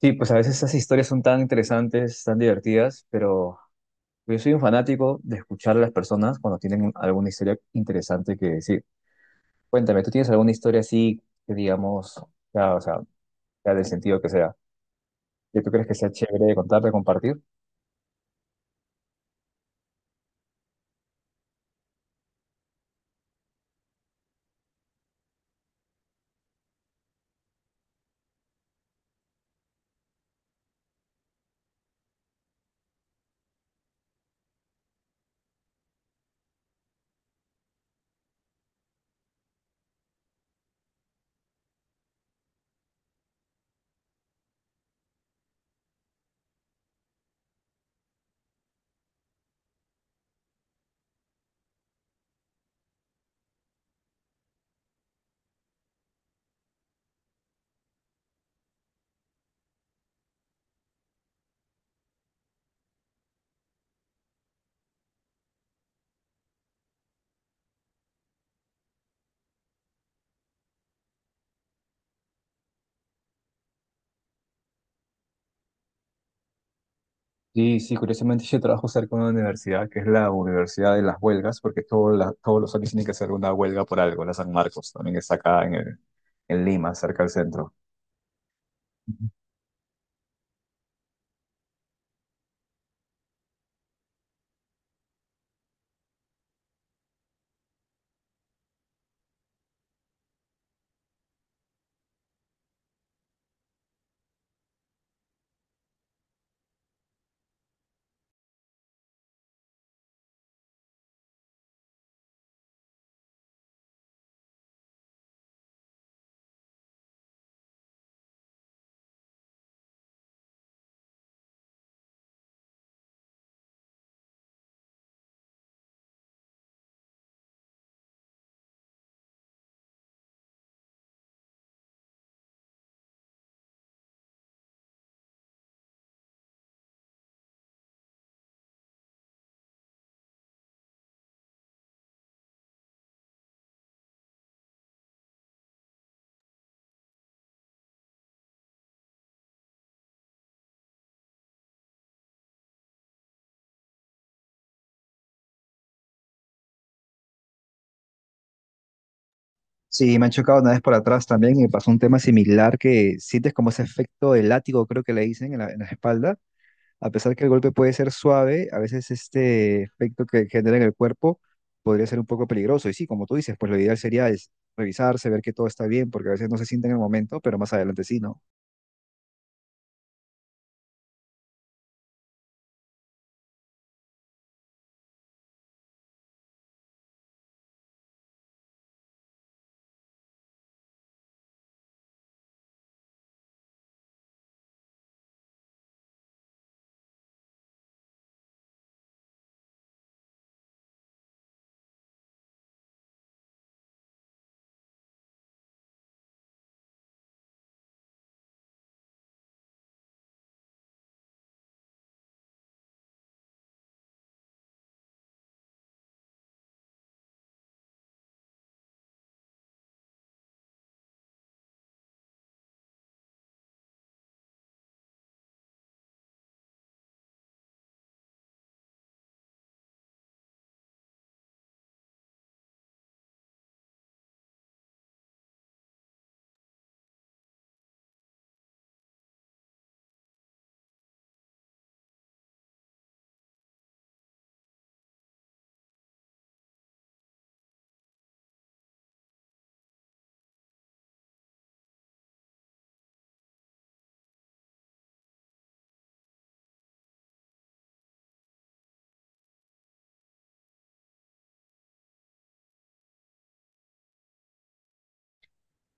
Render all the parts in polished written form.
Sí, pues a veces esas historias son tan interesantes, tan divertidas, pero yo soy un fanático de escuchar a las personas cuando tienen alguna historia interesante que decir. Cuéntame, ¿tú tienes alguna historia así que digamos, ya, o sea, ya del sentido que sea, que tú crees que sea chévere de contar, de compartir? Sí, sí, curiosamente yo trabajo cerca de una universidad que es la Universidad de las Huelgas, porque todos los años tienen que hacer una huelga por algo, la San Marcos, también está acá en Lima, cerca del centro. Sí, me han chocado una vez por atrás también y me pasó un tema similar que sientes como ese efecto de látigo, creo que le dicen en la espalda. A pesar que el golpe puede ser suave, a veces este efecto que genera en el cuerpo podría ser un poco peligroso. Y sí, como tú dices, pues lo ideal sería es revisarse, ver que todo está bien, porque a veces no se siente en el momento, pero más adelante sí, ¿no?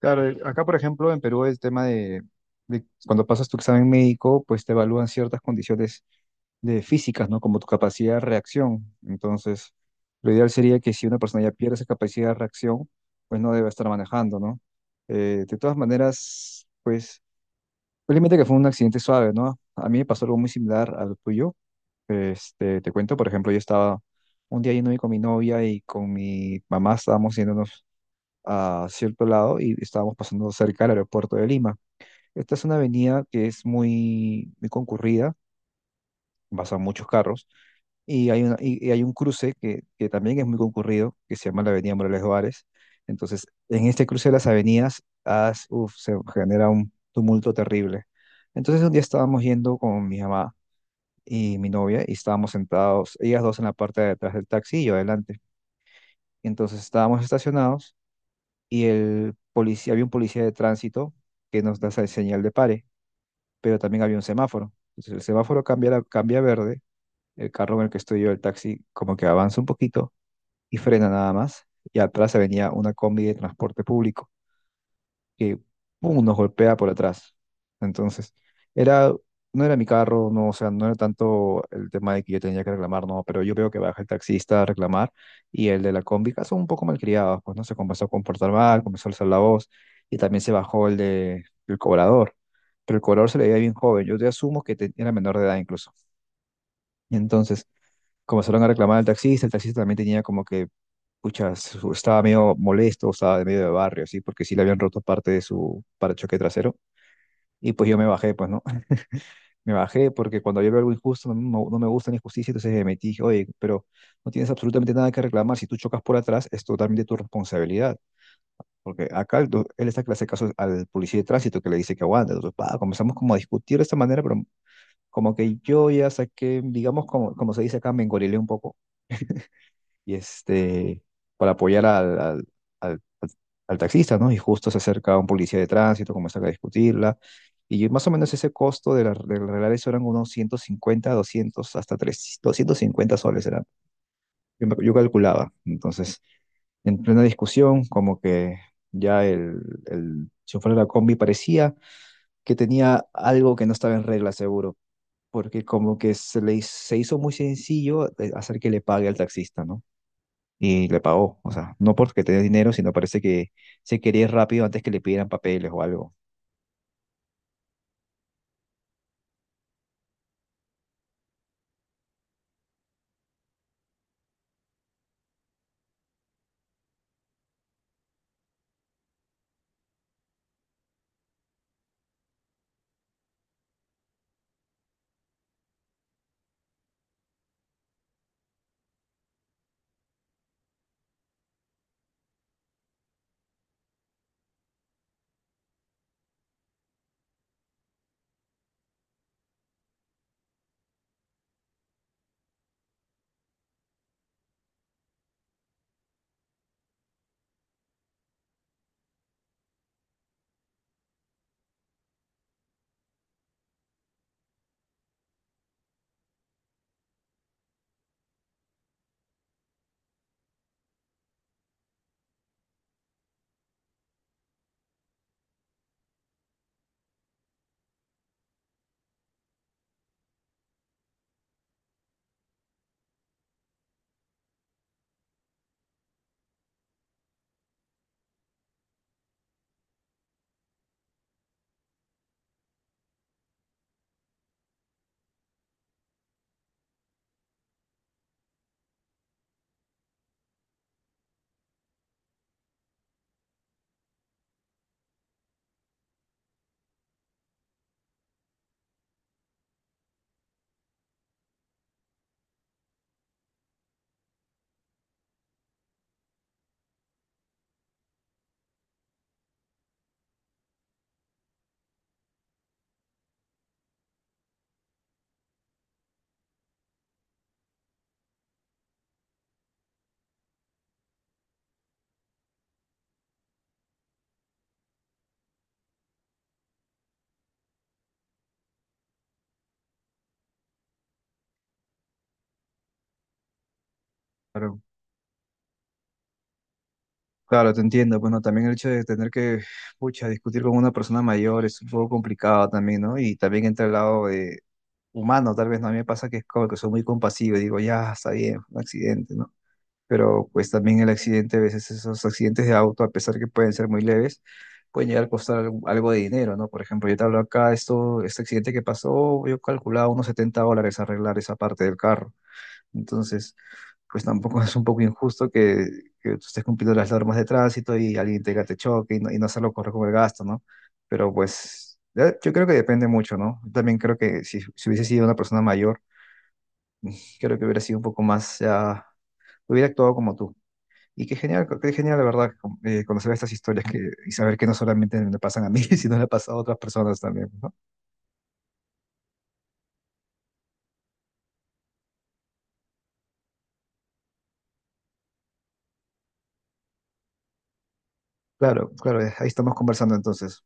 Claro, acá por ejemplo en Perú el tema de cuando pasas tu examen médico, pues te evalúan ciertas condiciones de físicas, ¿no? Como tu capacidad de reacción. Entonces, lo ideal sería que si una persona ya pierde esa capacidad de reacción, pues no debe estar manejando, ¿no? De todas maneras, pues, felizmente que fue un accidente suave, ¿no? A mí me pasó algo muy similar al tuyo. Este, te cuento, por ejemplo, yo estaba un día yendo con mi novia y con mi mamá estábamos yéndonos a cierto lado y estábamos pasando cerca del aeropuerto de Lima. Esta es una avenida que es muy concurrida, en Bazaros. Y hay, y hay un cruce que también es muy concurrido, que se llama la Avenida Morales Juárez. Entonces, en este cruce de las avenidas, se genera un tumulto terrible. Entonces, un día estábamos yendo con mi mamá y mi novia, y estábamos sentados, ellas dos en la parte de atrás del taxi y yo adelante. Y entramos, y el policía, había un policía que nos da esa señal de pare, pero también había un semáforo. Entonces, el semáforo cambia, cambia a verde, el carro, estoy yo, el taxi como que avanza un poquito y frenamos, y ya de transporte público, que ¡pum!, nos golpea por atrás. Entonces, era, no era mi carro, no, o sea, no era tanto el tema de que yo tenía que reclamar, no, pero yo veo que va el taxista a reclamar y el de la combi que son un poco malcriados, pues no se comenzó a comportar mal, comenzó a alzar la voz y también se bajó el de, el cobrador, pero el cobrador se le veía bien joven, yo te asumo que era menor de edad incluso. Y entonces, comenzaron a reclamar al taxista, el taxista también tenía como que, pucha, estaba medio molesto, estaba de medio de barrio, así, porque sí le habían roto parte de su parachoque trasero. Y pues yo me bajé, pues, ¿no? Me bajé porque cuando yo veo algo injusto, no, no me gusta la injusticia, entonces me metí, dije, oye, pero no tienes absolutamente nada que reclamar, si tú chocas por atrás, es totalmente tu responsabilidad. Porque acá él está que le hace caso al policía de tránsito que le dice que aguante. Entonces, pa, comenzamos como a discutir de esta manera, pero como que yo ya saqué, digamos, como, como se dice acá, me engorilé un poco. Y este, para apoyar al- al- al taxista, ¿no? Y justo se acerca un policía de tránsito, comienza a discutirla, y más o menos ese costo de arreglar eso eran unos 150, 200 hasta tres 250 soles era, yo, yo calculaba. Entonces, en plena discusión, como que ya el chofer de la combi parecía que tenía algo que no estaba en regla, seguro. Porque como que se hizo muy sencillo hacer que le pague al taxista, ¿no? Y le pagó. O sea, no porque tenía dinero, sino parece que se quería ir rápido antes que le pidieran papeles o algo. Claro, claro, te entiendo. Bueno, también el hecho de tener que, pucha, discutir con una persona mayor es un poco complicado también, ¿no? Y también entra el lado de humano, tal vez, ¿no? A mí me pasa que es como que soy muy compasivo y digo, ya, está bien, fue un accidente, ¿no? Pero pues también el accidente, a veces esos accidentes de auto, a pesar que pueden ser muy leves, pueden llegar a costar algo de dinero, ¿no? Por ejemplo, yo te hablo acá, esto, este accidente que pasó, yo calculaba unos $70 arreglar esa parte del carro. Entonces, pues tampoco es un poco injusto que tú estés cumpliendo las normas de tránsito y alguien te choque y no hacerlo correr con el gasto, ¿no? Pero pues... yo creo que depende mucho, ¿no? Yo también creo que si hubiese sido una persona mayor, creo que hubiera sido un poco más, ya, hubiera actuado como tú. Y qué genial, la verdad, conocer estas historias que, y saber que no solamente me pasan a mí, sino le pasa a otras personas también, ¿no? Claro, claro, ahí estamos conversando entonces.